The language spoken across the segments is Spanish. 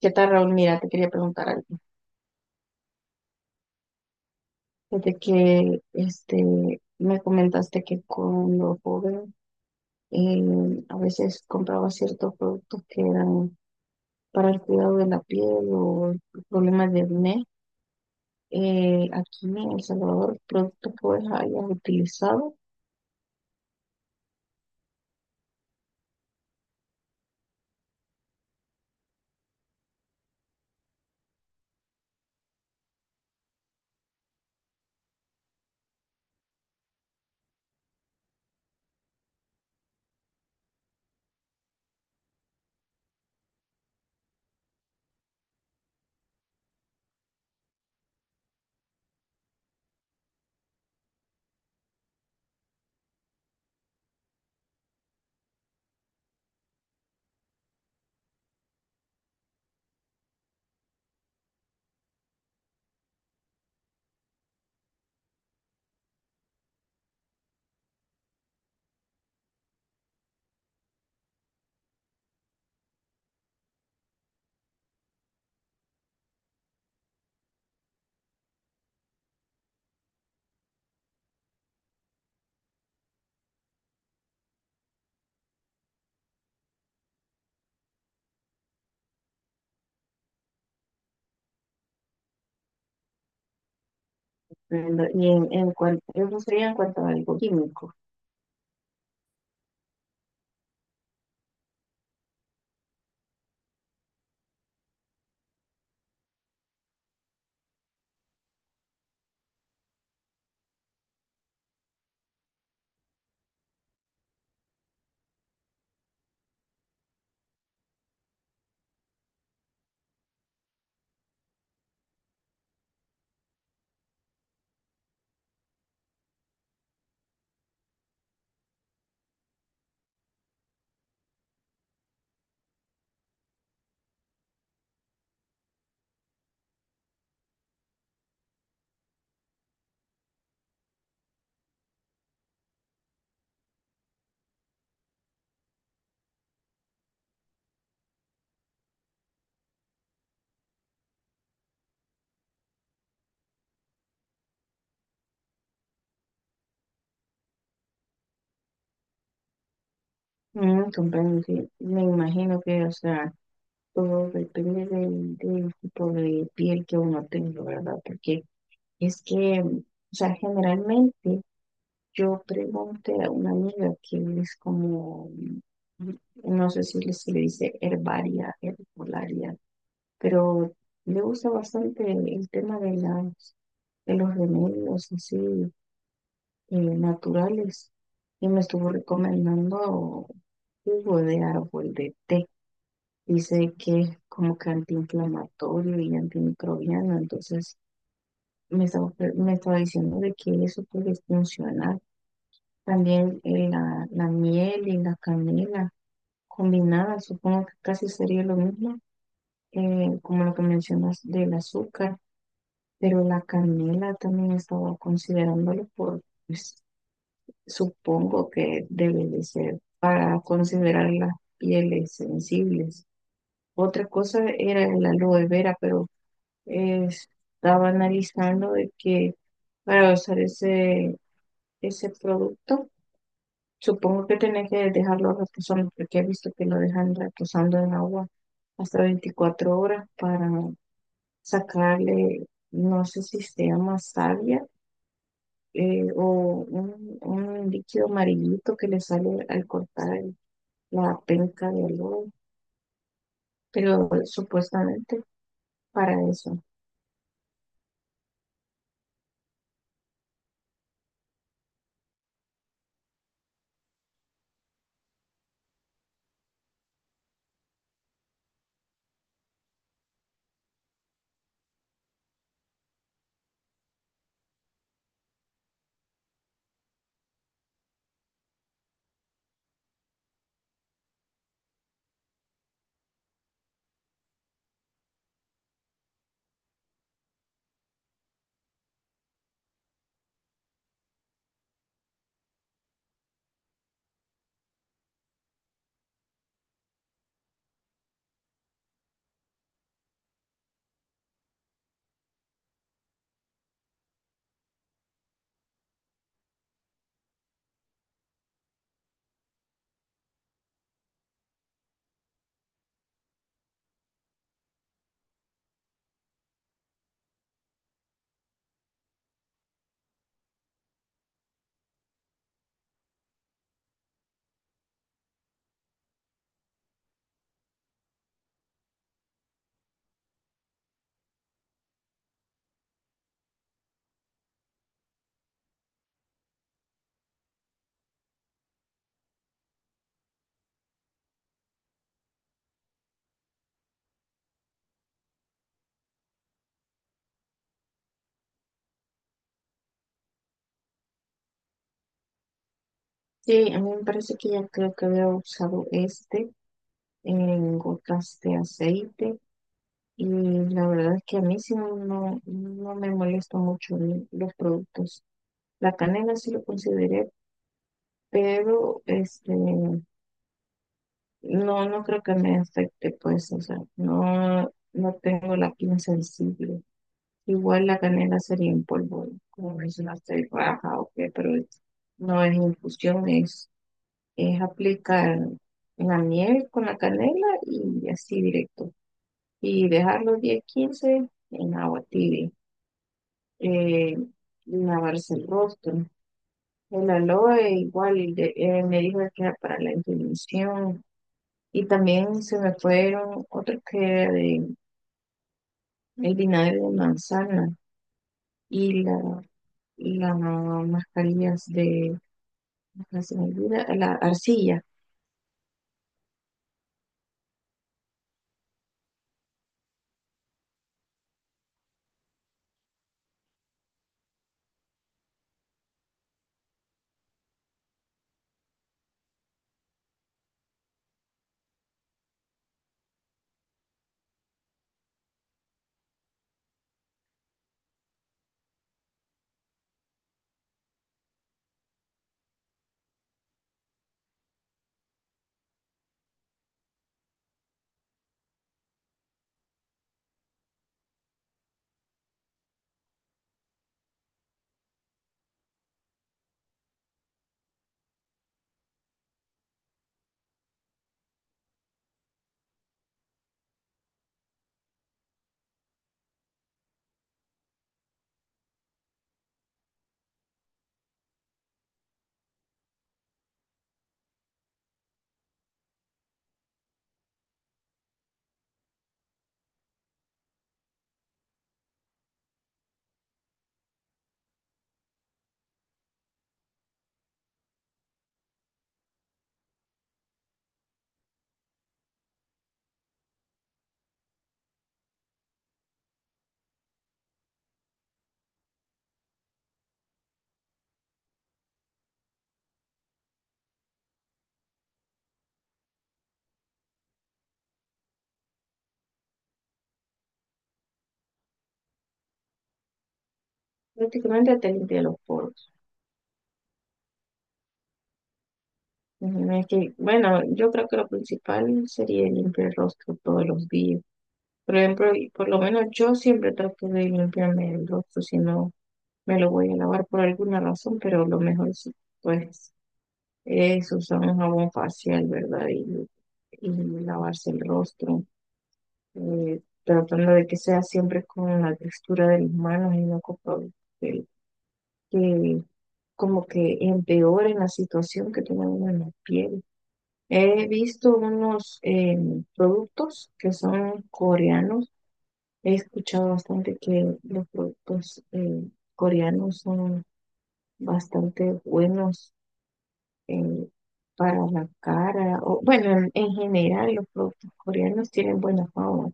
¿Qué tal, Raúl? Mira, te quería preguntar algo. Desde que me comentaste que cuando joven, a veces compraba ciertos productos que eran para el cuidado de la piel o problemas de acné, aquí en El Salvador. ¿Productos que vos hayas utilizado? Y en cuanto, eso sería en cuanto a algo químico. Mm, comprendo, sí. Me imagino que, o sea, todo depende del tipo de piel que uno tenga, ¿verdad? Porque es que, o sea, generalmente yo pregunté a una amiga que es como, mm, no sé si le- se le dice herbaria, herbolaria, pero le gusta bastante el tema de los remedios así naturales, y me estuvo recomendando jugo de árbol de té. Dice que es como que antiinflamatorio y antimicrobiano, entonces me estaba diciendo de que eso puede funcionar. También, la miel y la canela combinadas, supongo que casi sería lo mismo, como lo que mencionas del azúcar, pero la canela también estaba considerándolo por, pues, supongo que debe de ser para considerar las pieles sensibles. Otra cosa era el aloe vera, pero estaba analizando de que para usar ese producto, supongo que tenés que dejarlo reposando, porque he visto que lo dejan reposando en agua hasta 24 horas para sacarle, no sé si se llama savia, o un líquido amarillito que le sale al cortar la penca del lobo, pero supuestamente para eso. Sí, a mí me parece que ya creo que había usado este en gotas de aceite. Y la verdad es que a mí sí no, no me molesta mucho los productos. La canela sí lo consideré, pero este no, no creo que me afecte, pues, o sea, no, no tengo la piel sensible. Igual la canela sería en polvo, como mencionaste, baja o qué, pero no es infusión, es aplicar la miel con la canela y así directo. Y dejarlo 10 15 en agua tibia. eh, Lavarse el rostro. El aloe igual me dijo que era para la inflamación. Y también se me fueron otros que era de el vinagre de manzana y las mascarillas de, ah, se me olvida, la arcilla. Prácticamente te limpia los poros. Ujú, es que, bueno, yo creo que lo principal sería limpiar el rostro todos los días. Por ejemplo, y por lo menos yo siempre trato de limpiarme el rostro, si no me lo voy a lavar por alguna razón, pero lo mejor es, pues, es usar un jabón facial, ¿verdad? Y lavarse el rostro, tratando de que sea siempre con la textura de mis manos y no que, que como que empeore la situación que tiene uno en la piel. He visto unos productos que son coreanos. He escuchado bastante que los productos, coreanos son bastante buenos, eh, para la cara, o bueno, en general los productos coreanos tienen buena fama.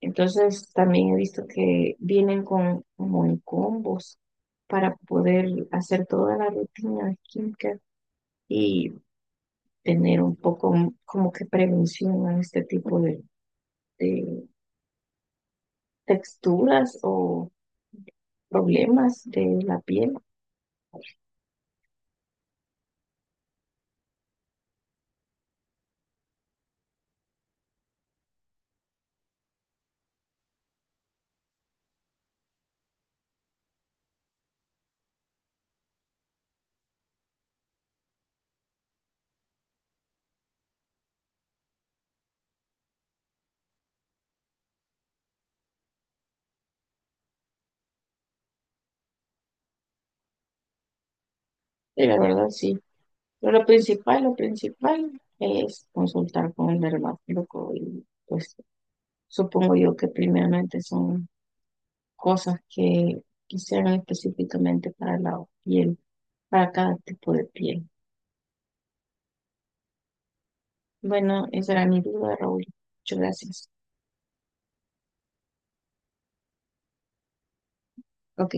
Entonces también he visto que vienen con como en combos para poder hacer toda la rutina de skincare, y tener un poco, como que prevención a este tipo de texturas o problemas de la piel. Y la verdad, sí. Pero lo principal es consultar con el dermatólogo y, pues, supongo yo que primeramente son cosas que quisieran específicamente para la piel, para cada tipo de piel. Bueno, esa era mi duda, Raúl. Muchas gracias. Ok.